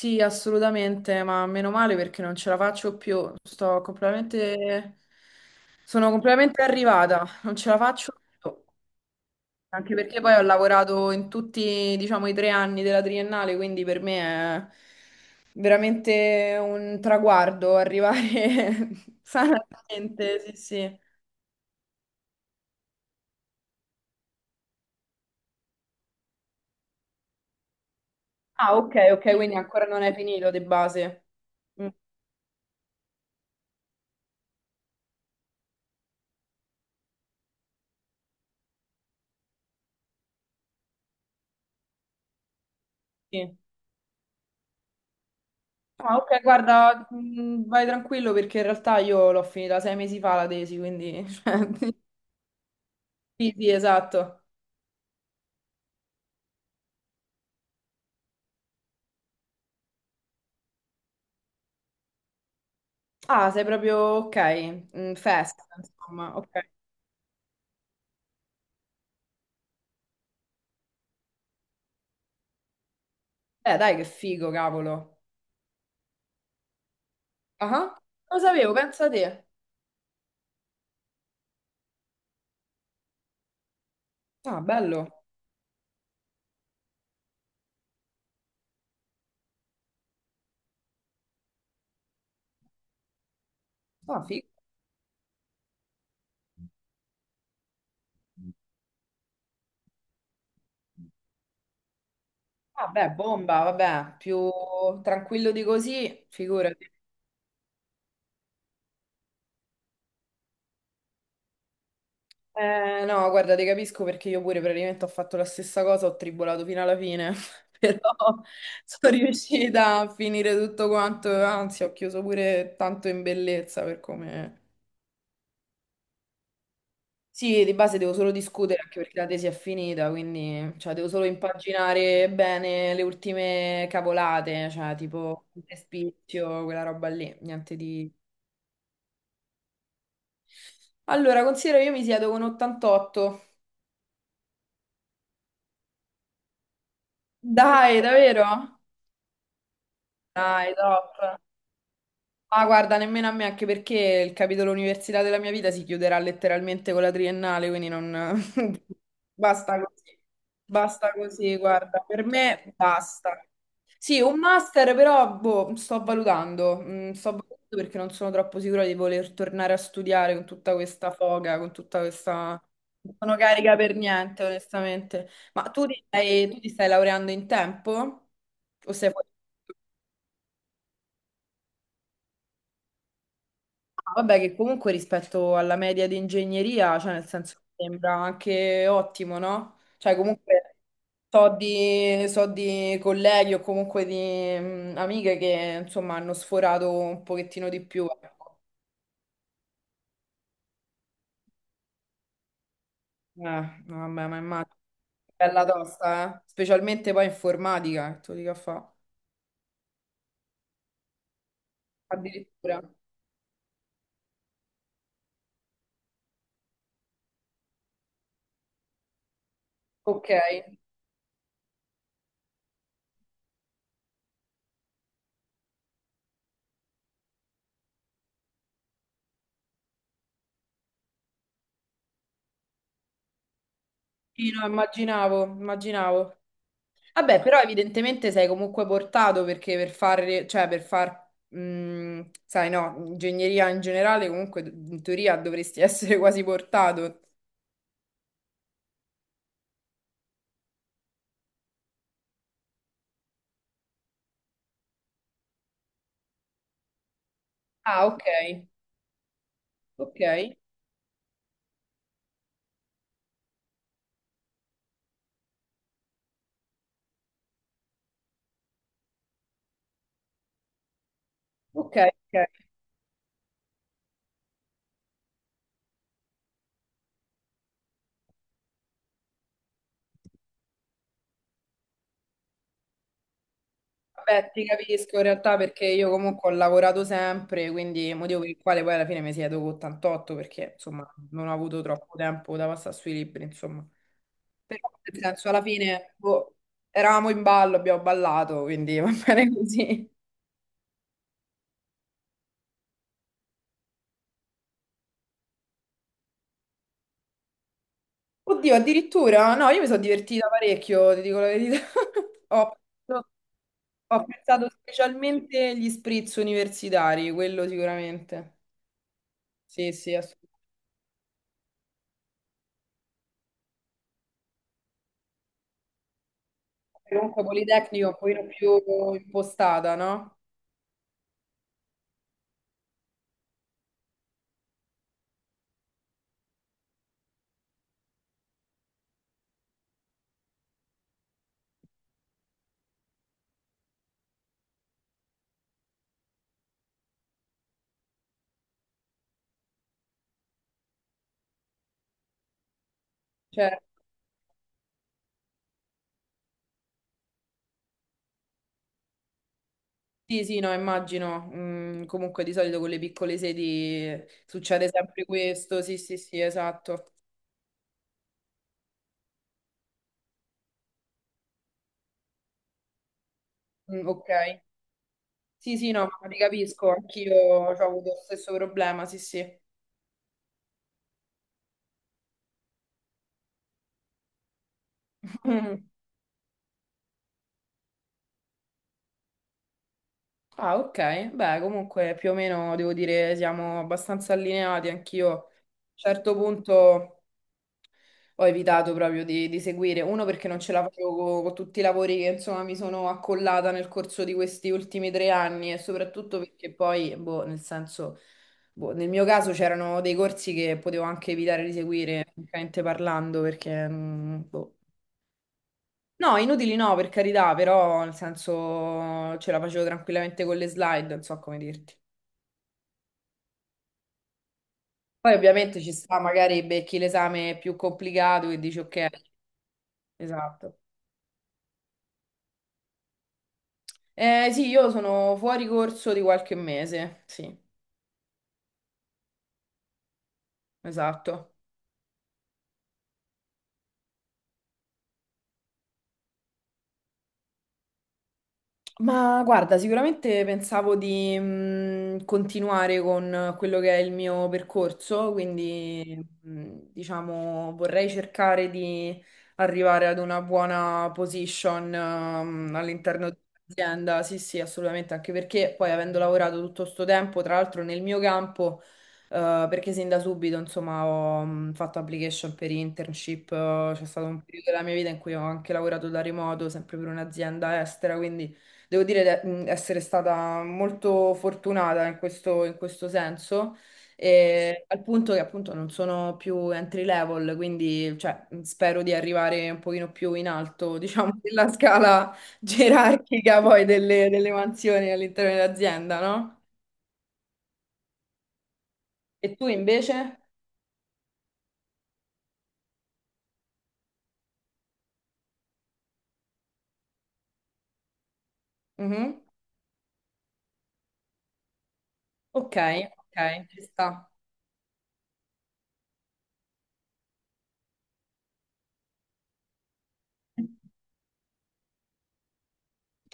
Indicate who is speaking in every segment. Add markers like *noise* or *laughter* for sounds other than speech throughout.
Speaker 1: Sì, assolutamente, ma meno male perché non ce la faccio più. Sto completamente... Sono completamente arrivata, non ce la faccio più. Anche perché poi ho lavorato in tutti, diciamo, i tre anni della triennale, quindi per me è veramente un traguardo arrivare *laughs* sanamente, sì, sì. Ah, ok, ok, quindi ancora non hai finito di base. Mm, sì. Ah, ok, guarda, vai tranquillo perché in realtà io l'ho finita sei mesi fa la tesi, quindi... *laughs* cioè, sì, sì, esatto. Ah, sei proprio ok, mm, festa, insomma, ok. Dai, che figo, cavolo. Ah, lo sapevo, pensa te. Ah, bello. Ah, figo. Vabbè, bomba, vabbè, più tranquillo di così, figurati. No, guarda, ti capisco perché io pure praticamente ho fatto la stessa cosa, ho tribolato fino alla fine, *laughs* però sono riuscita a finire tutto quanto, anzi ho chiuso pure tanto in bellezza per come... Sì, di base devo solo discutere anche perché la tesi è finita, quindi cioè, devo solo impaginare bene le ultime cavolate, cioè tipo il spizio, quella roba lì, niente di... Allora, considero io mi siedo con 88. Dai, davvero? Dai, top. Ma guarda, nemmeno a me, anche perché il capitolo università della mia vita si chiuderà letteralmente con la triennale, quindi non... *laughs* Basta così, basta così, guarda, per me basta. Sì, un master però, boh, sto valutando. Mm, sto valutando perché non sono troppo sicura di voler tornare a studiare con tutta questa foga, con tutta questa... Non sono carica per niente, onestamente. Ma tu ti stai laureando in tempo? O sei fuori? Vabbè, che comunque rispetto alla media di ingegneria, cioè nel senso mi sembra anche ottimo, no? Cioè comunque so di colleghi o comunque di mm, amiche che insomma hanno sforato un pochettino di più, ecco. No, vabbè, ma immagino. Bella tosta, eh? Specialmente poi informatica, che tu dica fa. Addirittura. Ok. Sì, no, immaginavo, immaginavo. Vabbè, però evidentemente sei comunque portato perché per fare, cioè per far, sai, no, ingegneria in generale comunque in teoria dovresti *laughs* essere quasi portato. Ah, ok, ok, ok, ok. Vabbè, ti capisco in realtà perché io comunque ho lavorato sempre, quindi il motivo per il quale poi alla fine mi siedo con 88 perché insomma non ho avuto troppo tempo da passare sui libri, insomma. Però nel senso alla fine boh, eravamo in ballo, abbiamo ballato, quindi *laughs* va bene così. Oddio, addirittura? No, io mi sono divertita parecchio, ti dico la verità. *laughs* Ho, ho pensato specialmente agli spritz universitari, quello sicuramente. Sì, sì, assolutamente. Comunque Politecnico è un pochino più impostata, no? Cioè, sì, sì, no, immagino. Mm, comunque di solito con le piccole sedi succede sempre questo, sì, sì, sì, esatto. Mm, ok. Sì, sì, no, ma ti capisco, anch'io ho avuto lo stesso problema, sì, sì. *laughs* Ah, ok. Beh, comunque più o meno devo dire siamo abbastanza allineati anch'io. A un certo punto ho evitato proprio di seguire, uno perché non ce la facevo con, tutti i lavori che insomma mi sono accollata nel corso di questi ultimi tre anni e soprattutto perché poi, boh, nel senso, boh, nel mio caso c'erano dei corsi che potevo anche evitare di seguire, francamente parlando, perché, mm, boh. No, inutili no, per carità, però nel senso ce la facevo tranquillamente con le slide, non so come dirti. Poi ovviamente ci sta, magari becchi l'esame più complicato e dici ok, esatto. Eh sì, io sono fuori corso di qualche mese, sì, esatto. Ma guarda, sicuramente pensavo di continuare con quello che è il mio percorso, quindi diciamo vorrei cercare di arrivare ad una buona position all'interno dell'azienda. Sì, sì, assolutamente, anche perché poi avendo lavorato tutto sto tempo, tra l'altro nel mio campo, perché sin da subito, insomma, ho fatto application per internship, c'è stato un periodo della mia vita in cui ho anche lavorato da remoto, sempre per un'azienda estera, quindi devo dire di essere stata molto fortunata in questo senso, e al punto che appunto non sono più entry level, quindi cioè, spero di arrivare un pochino più in alto, *laughs* diciamo, nella scala gerarchica poi delle mansioni all'interno dell'azienda, no? E tu invece? Mhm. Ok, ok, ci sta.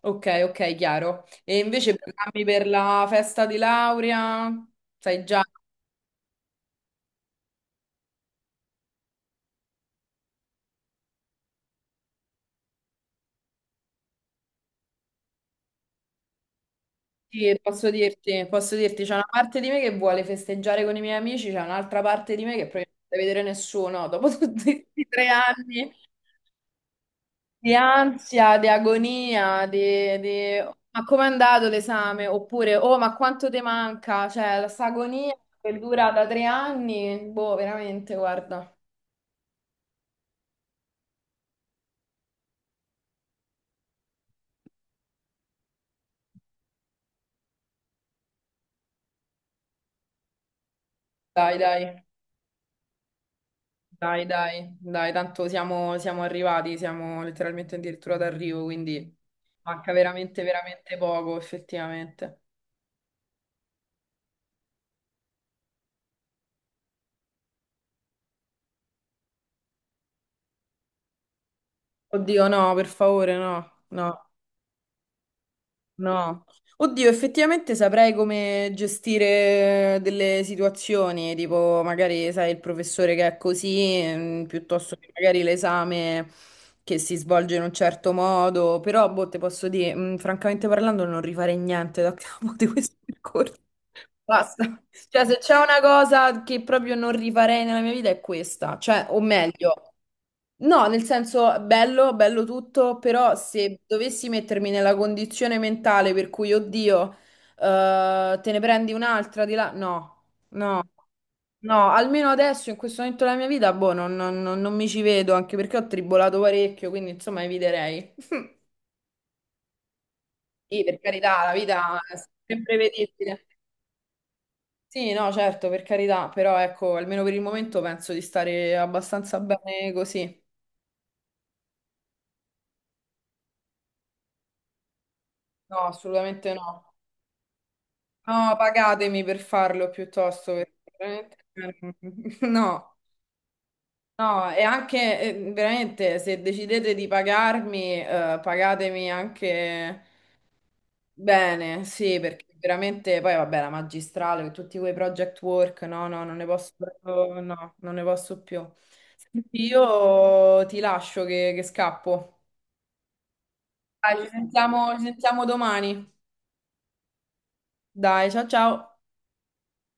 Speaker 1: Ok, ok, chiaro. E invece programmi per la festa di laurea? Sai già? Sì, posso dirti, c'è una parte di me che vuole festeggiare con i miei amici, c'è un'altra parte di me che probabilmente non vuole vedere nessuno. Dopo *laughs* tutti questi tre anni di ansia, di agonia, ma com'è andato l'esame? Oppure, oh, ma quanto ti manca? Cioè, la sta agonia che dura da tre anni, boh, veramente, guarda. Dai, dai, dai, dai, dai, tanto siamo, siamo arrivati, siamo letteralmente addirittura d'arrivo, quindi manca veramente, veramente poco, effettivamente. Oddio, no, per favore, no, no, no. Oddio, effettivamente saprei come gestire delle situazioni, tipo magari, sai, il professore che è così, mm, piuttosto che magari l'esame che si svolge in un certo modo, però, boh, te posso dire, mm, francamente parlando, non rifarei niente da *laughs* capo di questo percorso. Basta. Cioè, se c'è una cosa che proprio non rifarei nella mia vita è questa, cioè, o meglio. No, nel senso, bello, bello tutto, però se dovessi mettermi nella condizione mentale per cui, oddio, te ne prendi un'altra di là, no, no, no, almeno adesso, in questo momento della mia vita, boh, non mi ci vedo, anche perché ho tribolato parecchio, quindi insomma eviterei. *laughs* Sì, per carità, la vita è imprevedibile. Sì, no, certo, per carità, però ecco, almeno per il momento penso di stare abbastanza bene così. No, assolutamente no. No, pagatemi per farlo piuttosto, perché veramente- *laughs* No, no, e anche veramente se decidete di pagarmi, pagatemi anche bene, sì, perché veramente poi vabbè la magistrale, tutti quei project work, no, no, non ne posso, proprio- no, non ne posso più. Senti, io ti lascio che scappo. Dai, ci sentiamo domani. Dai, ciao ciao.